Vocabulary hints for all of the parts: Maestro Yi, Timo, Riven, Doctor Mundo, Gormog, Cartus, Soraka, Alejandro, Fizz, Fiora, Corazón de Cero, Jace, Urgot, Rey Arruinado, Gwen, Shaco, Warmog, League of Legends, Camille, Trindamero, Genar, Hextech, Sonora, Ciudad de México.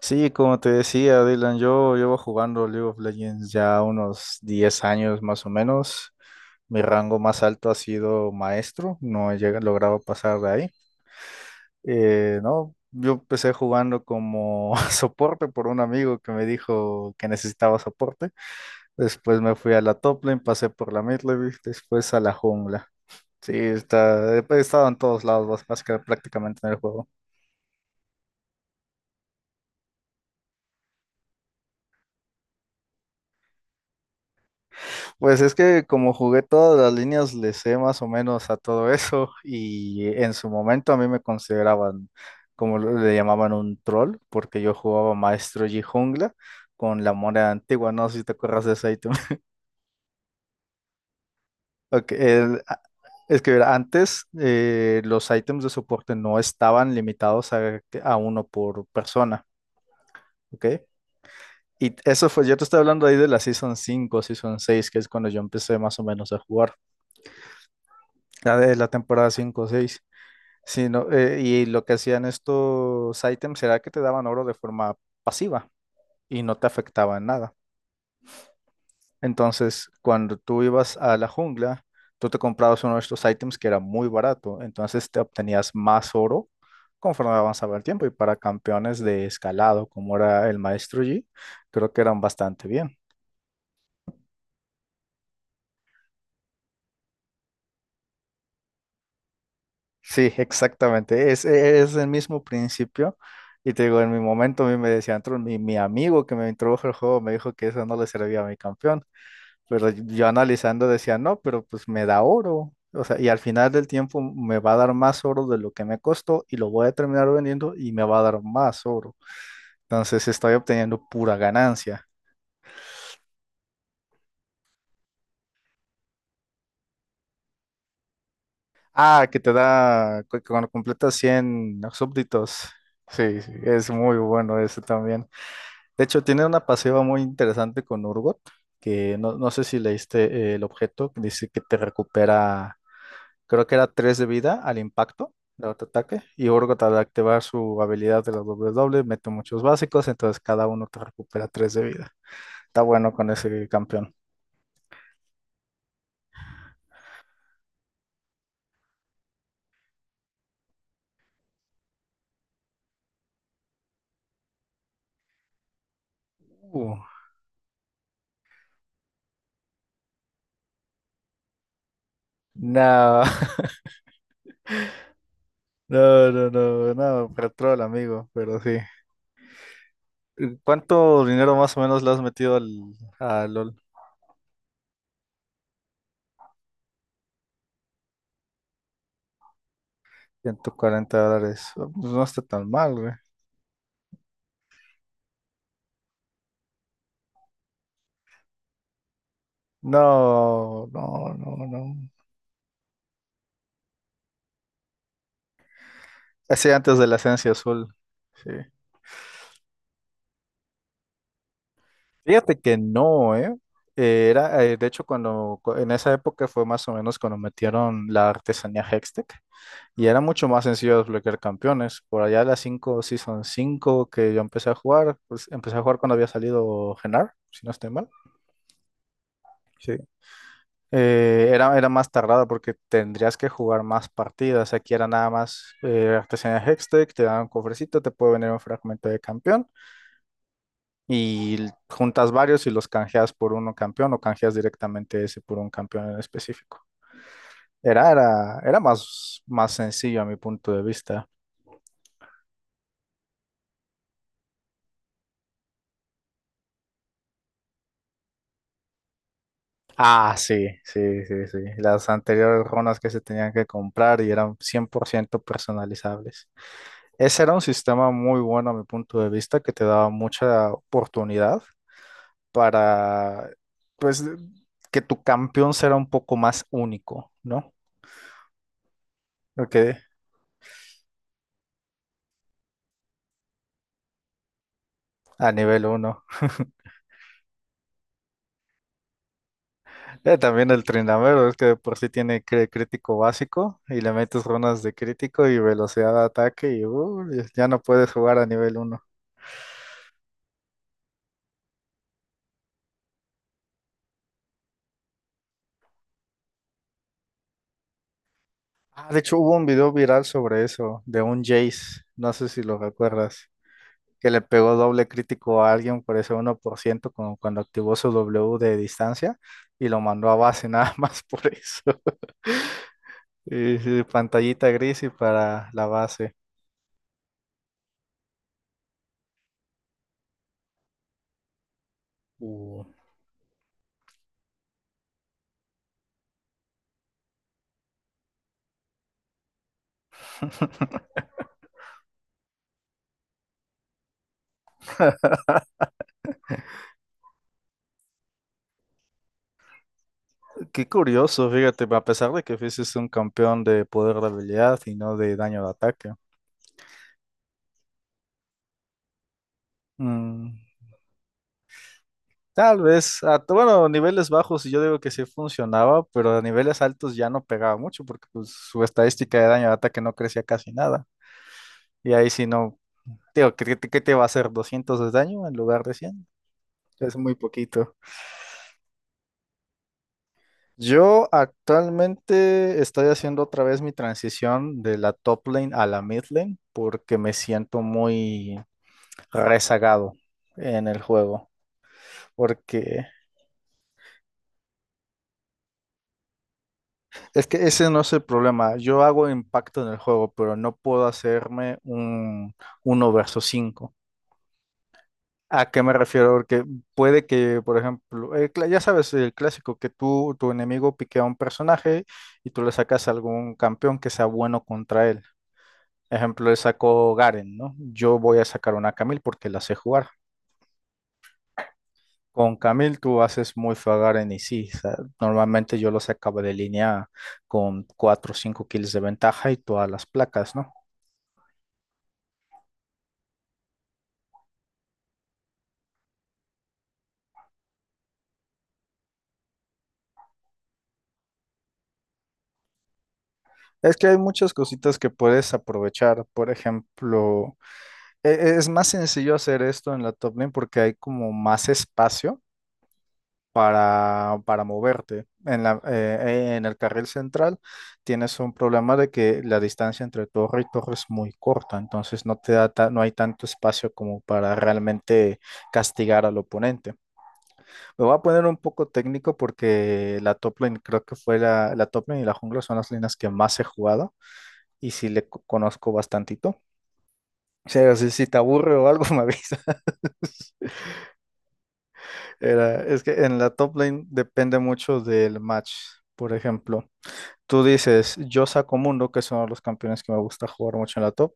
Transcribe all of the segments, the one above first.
Sí, como te decía, Dylan, yo llevo jugando League of Legends ya unos 10 años más o menos. Mi rango más alto ha sido maestro, no he logrado pasar de ahí. No, yo empecé jugando como soporte por un amigo que me dijo que necesitaba soporte. Después me fui a la top lane, pasé por la mid lane, después a la jungla. Sí, he estado en todos lados, básicamente prácticamente en el juego. Pues es que como jugué todas las líneas, le sé más o menos a todo eso y en su momento a mí me consideraban, como le llamaban, un troll, porque yo jugaba Maestro y Jungla con la moneda antigua, no sé si te acuerdas de ese ítem. Ok, Es que mira, antes los ítems de soporte no estaban limitados a uno por persona, ¿ok? Y eso fue, yo te estoy hablando ahí de la Season 5, Season 6 que es cuando yo empecé más o menos a jugar, la de la temporada 5 o 6. Sí, no, y lo que hacían estos ítems era que te daban oro de forma pasiva y no te afectaba en nada. Entonces, cuando tú ibas a la jungla, tú te comprabas uno de estos ítems que era muy barato, entonces te obtenías más oro conforme avanzaba el tiempo. Y para campeones de escalado, como era el Maestro Yi, creo que eran bastante bien. Sí, exactamente. Es el mismo principio. Y te digo, en mi momento a mí me decían, "Tron, mi amigo que me introdujo al juego me dijo que eso no le servía a mi campeón. Pero yo analizando decía, no, pero pues me da oro. O sea, y al final del tiempo me va a dar más oro de lo que me costó y lo voy a terminar vendiendo y me va a dar más oro. Entonces estoy obteniendo pura ganancia. Ah, que te da, cuando completas 100 súbditos. Sí, sí, es muy bueno ese también. De hecho, tiene una pasiva muy interesante con Urgot, que no sé si leíste el objeto, que dice que te recupera. Creo que era 3 de vida al impacto de autoataque. Y Urgot al activar su habilidad de la doble mete muchos básicos, entonces cada uno te recupera 3 de vida. Está bueno con ese campeón. Uh, no, no, no, no, no, pero troll, amigo, pero sí. ¿Cuánto dinero más o menos le has metido a LOL? $140. Pues no está tan mal, güey. No, no, no, no. Así antes de la esencia azul. Sí. Fíjate que no, ¿eh? De hecho, cuando en esa época fue más o menos cuando metieron la artesanía Hextech y era mucho más sencillo desbloquear campeones. Por allá las 5, Season 5 que yo empecé a jugar, pues empecé a jugar cuando había salido Genar, si no estoy mal. Sí. Era más tardado porque tendrías que jugar más partidas. Aquí era nada más artesanía Hextech, te dan un cofrecito, te puede venir un fragmento de campeón. Y juntas varios y los canjeas por uno campeón o canjeas directamente ese por un campeón en específico. Era más sencillo a mi punto de vista. Ah, sí, sí, sí, sí. Las anteriores runas que se tenían que comprar y eran 100% personalizables. Ese era un sistema muy bueno a mi punto de vista que te daba mucha oportunidad para, pues, que tu campeón será un poco más único, ¿no? Porque a nivel uno. También el Trindamero, es que de por sí tiene crítico básico y le metes runas de crítico y velocidad de ataque y ya no puedes jugar a nivel uno. Ah, de hecho hubo un video viral sobre eso, de un Jace, no sé si lo recuerdas, que le pegó doble crítico a alguien por ese 1% como cuando activó su W de distancia y lo mandó a base nada más por eso. Y, sí, pantallita gris y para la base. Uh. Qué curioso, fíjate, a pesar de que Fizz es un campeón de poder de habilidad y no de daño de ataque. Mm, Tal vez, bueno, a niveles bajos yo digo que sí funcionaba, pero a niveles altos ya no pegaba mucho porque pues, su estadística de daño de ataque no crecía casi nada. Y ahí sí no, digo, qué te va a hacer? 200 de daño en lugar de 100. Es muy poquito. Yo actualmente estoy haciendo otra vez mi transición de la top lane a la mid lane porque me siento muy rezagado en el juego, porque es que ese no es el problema. Yo hago impacto en el juego, pero no puedo hacerme un uno versus cinco. ¿A qué me refiero? Porque puede que, por ejemplo, el ya sabes, el clásico que tu enemigo piquea a un personaje y tú le sacas a algún campeón que sea bueno contra él. Ejemplo, le sacó Garen, ¿no? Yo voy a sacar una Camille porque la sé jugar. Con Camil tú haces muy fagar en IC. O sea, normalmente yo lo sacaba de línea con 4 o 5 kills de ventaja y todas las placas, ¿no? Es que hay muchas cositas que puedes aprovechar. Por ejemplo, es más sencillo hacer esto en la top lane porque hay como más espacio para moverte. En el carril central tienes un problema de que la distancia entre torre y torre es muy corta, entonces no te da no hay tanto espacio como para realmente castigar al oponente. Me voy a poner un poco técnico porque la top lane creo que fue la top lane y la jungla son las líneas que más he jugado y sí le conozco bastantito. O sea, si te aburre o algo me avisa. Es que en la top lane depende mucho del match. Por ejemplo, tú dices, yo saco Mundo, que son los campeones que me gusta jugar mucho en la top.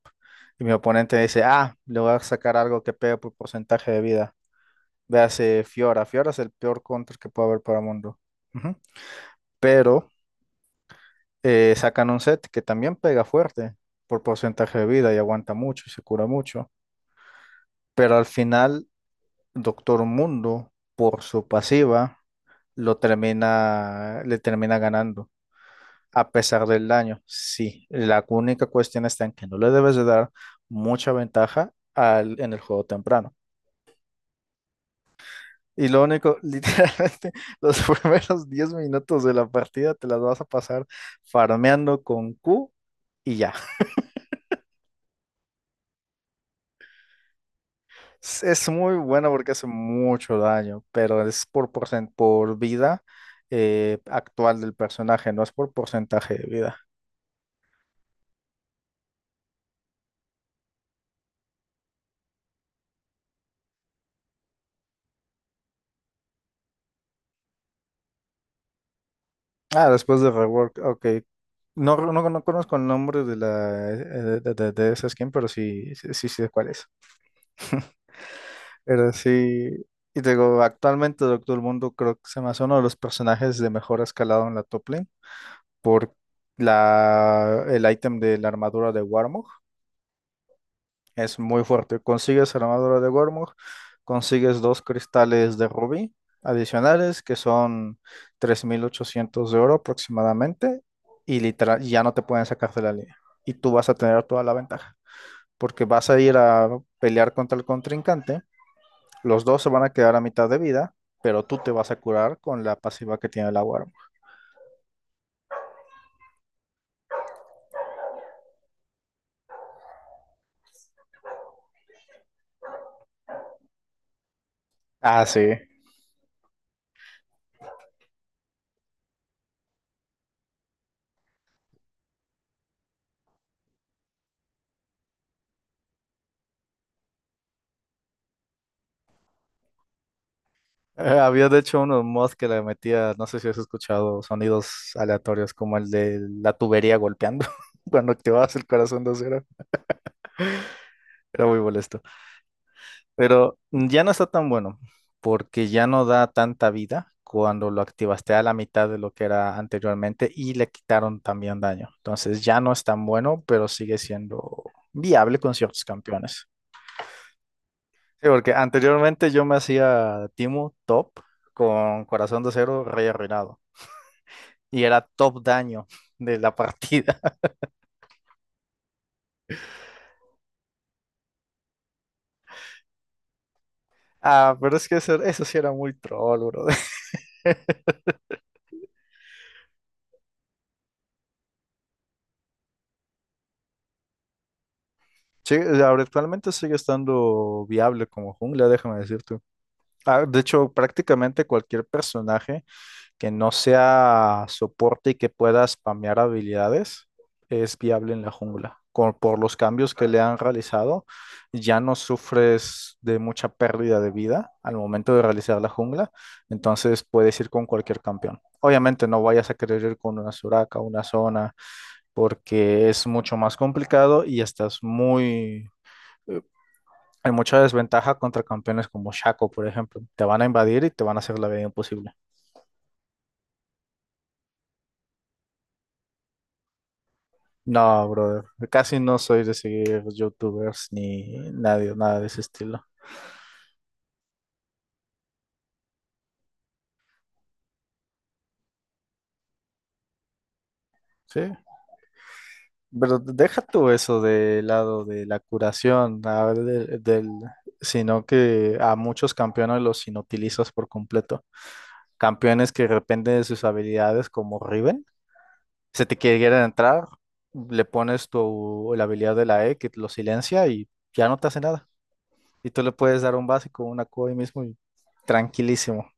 Y mi oponente dice, ah, le voy a sacar algo que pegue por porcentaje de vida. Véase Fiora. Fiora es el peor counter que puede haber para Mundo. Ujú. Pero sacan un set que también pega fuerte por porcentaje de vida y aguanta mucho y se cura mucho. Pero al final, Doctor Mundo, por su pasiva, le termina ganando. A pesar del daño, sí. La única cuestión está en que no le debes de dar mucha ventaja en el juego temprano. Y lo único, literalmente, los primeros 10 minutos de la partida te las vas a pasar farmeando con Q y ya. Es muy buena porque hace mucho daño, pero es por, por vida actual del personaje, no es por porcentaje de vida. Ah, después de Rework, ok. No, no, no conozco el nombre de esa skin, pero sí, sí, sí sé cuál es. Pero sí, y te digo, actualmente Doctor Mundo creo que se me hace uno de los personajes de mejor escalado en la top lane por el ítem de la armadura de Warmog. Es muy fuerte. Consigues armadura de Gormog, consigues dos cristales de rubí adicionales que son 3.800 de oro aproximadamente y literal ya no te pueden sacar de la línea. Y tú vas a tener toda la ventaja porque vas a ir a pelear contra el contrincante. Los dos se van a quedar a mitad de vida, pero tú te vas a curar con la pasiva que tiene la Gormog. Ah, sí. Había de hecho unos mods que le metía, no sé si has escuchado, sonidos aleatorios como el de la tubería golpeando cuando activabas el corazón de cero. Era muy molesto. Pero ya no está tan bueno porque ya no da tanta vida cuando lo activaste a la mitad de lo que era anteriormente y le quitaron también daño. Entonces ya no es tan bueno, pero sigue siendo viable con ciertos campeones. Sí, porque anteriormente yo me hacía Timo top con corazón de cero, rey arruinado. Y era top daño de la partida. Ah, pero es que eso sí era muy troll, bro. Sí, ahora actualmente sigue estando viable como jungla, déjame decirte. Ah, de hecho, prácticamente cualquier personaje que no sea soporte y que pueda spamear habilidades, es viable en la jungla. Por los cambios que le han realizado, ya no sufres de mucha pérdida de vida al momento de realizar la jungla, entonces puedes ir con cualquier campeón. Obviamente no vayas a querer ir con una Soraka, una zona, porque es mucho más complicado y estás muy. eh, Hay mucha desventaja contra campeones como Shaco, por ejemplo. Te van a invadir y te van a hacer la vida imposible. No, brother. Casi no soy de seguir youtubers ni nadie, nada de ese estilo. Sí. Pero deja tú eso de lado de la curación, a ver, sino que a muchos campeones los inutilizas por completo. Campeones que dependen de sus habilidades, como Riven, se te quieren entrar, le pones tu, la habilidad de la E que lo silencia y ya no te hace nada. Y tú le puedes dar un básico, una Q ahí mismo y tranquilísimo.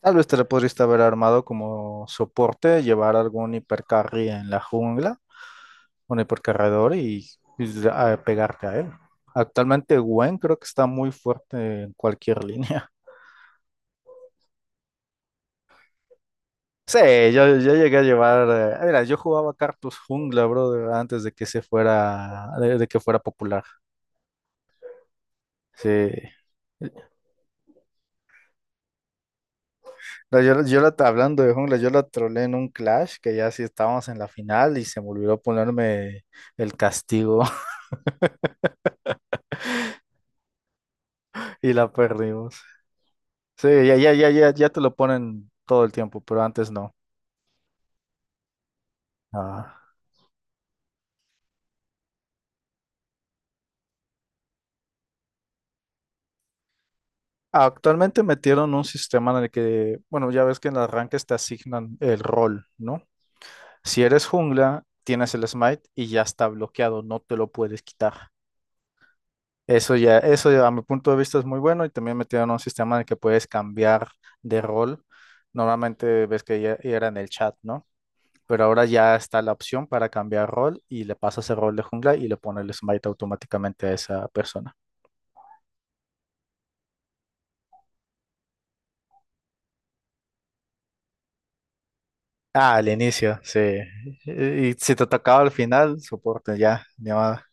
Tal vez te le podrías haber armado como soporte, llevar algún hipercarry en la jungla, un hipercarredor y pegarte a él. Actualmente Gwen creo que está muy fuerte en cualquier línea. Sí, yo llegué a llevar, mira, yo jugaba Cartus jungla, brother, antes de que se fuera, de que fuera popular. Sí. No, hablando de jungla, yo la trolé en un clash que ya sí estábamos en la final y se me olvidó ponerme el castigo y la perdimos. Sí, ya, ya, ya, ya, ya te lo ponen todo el tiempo, pero antes no. Ah. Actualmente metieron un sistema en el que, bueno, ya ves que en el arranques te asignan el rol, ¿no? Si eres jungla, tienes el smite y ya está bloqueado, no te lo puedes quitar. Eso ya, a mi punto de vista es muy bueno y también metieron un sistema en el que puedes cambiar de rol. Normalmente ves que ya, ya era en el chat, ¿no? Pero ahora ya está la opción para cambiar rol y le pasas el rol de jungla y le pone el smite automáticamente a esa persona. Ah, al inicio, sí. Y si te tocaba al final, soporte ya, llamada.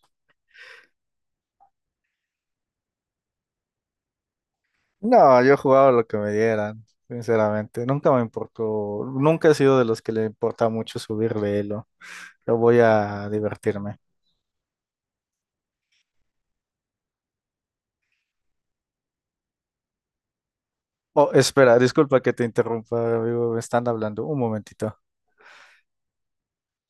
No, yo jugaba lo que me dieran, sinceramente. Nunca me importó, nunca he sido de los que le importa mucho subirle elo. Yo voy a divertirme. Oh, espera, disculpa que te interrumpa, amigo, me están hablando. Un momentito.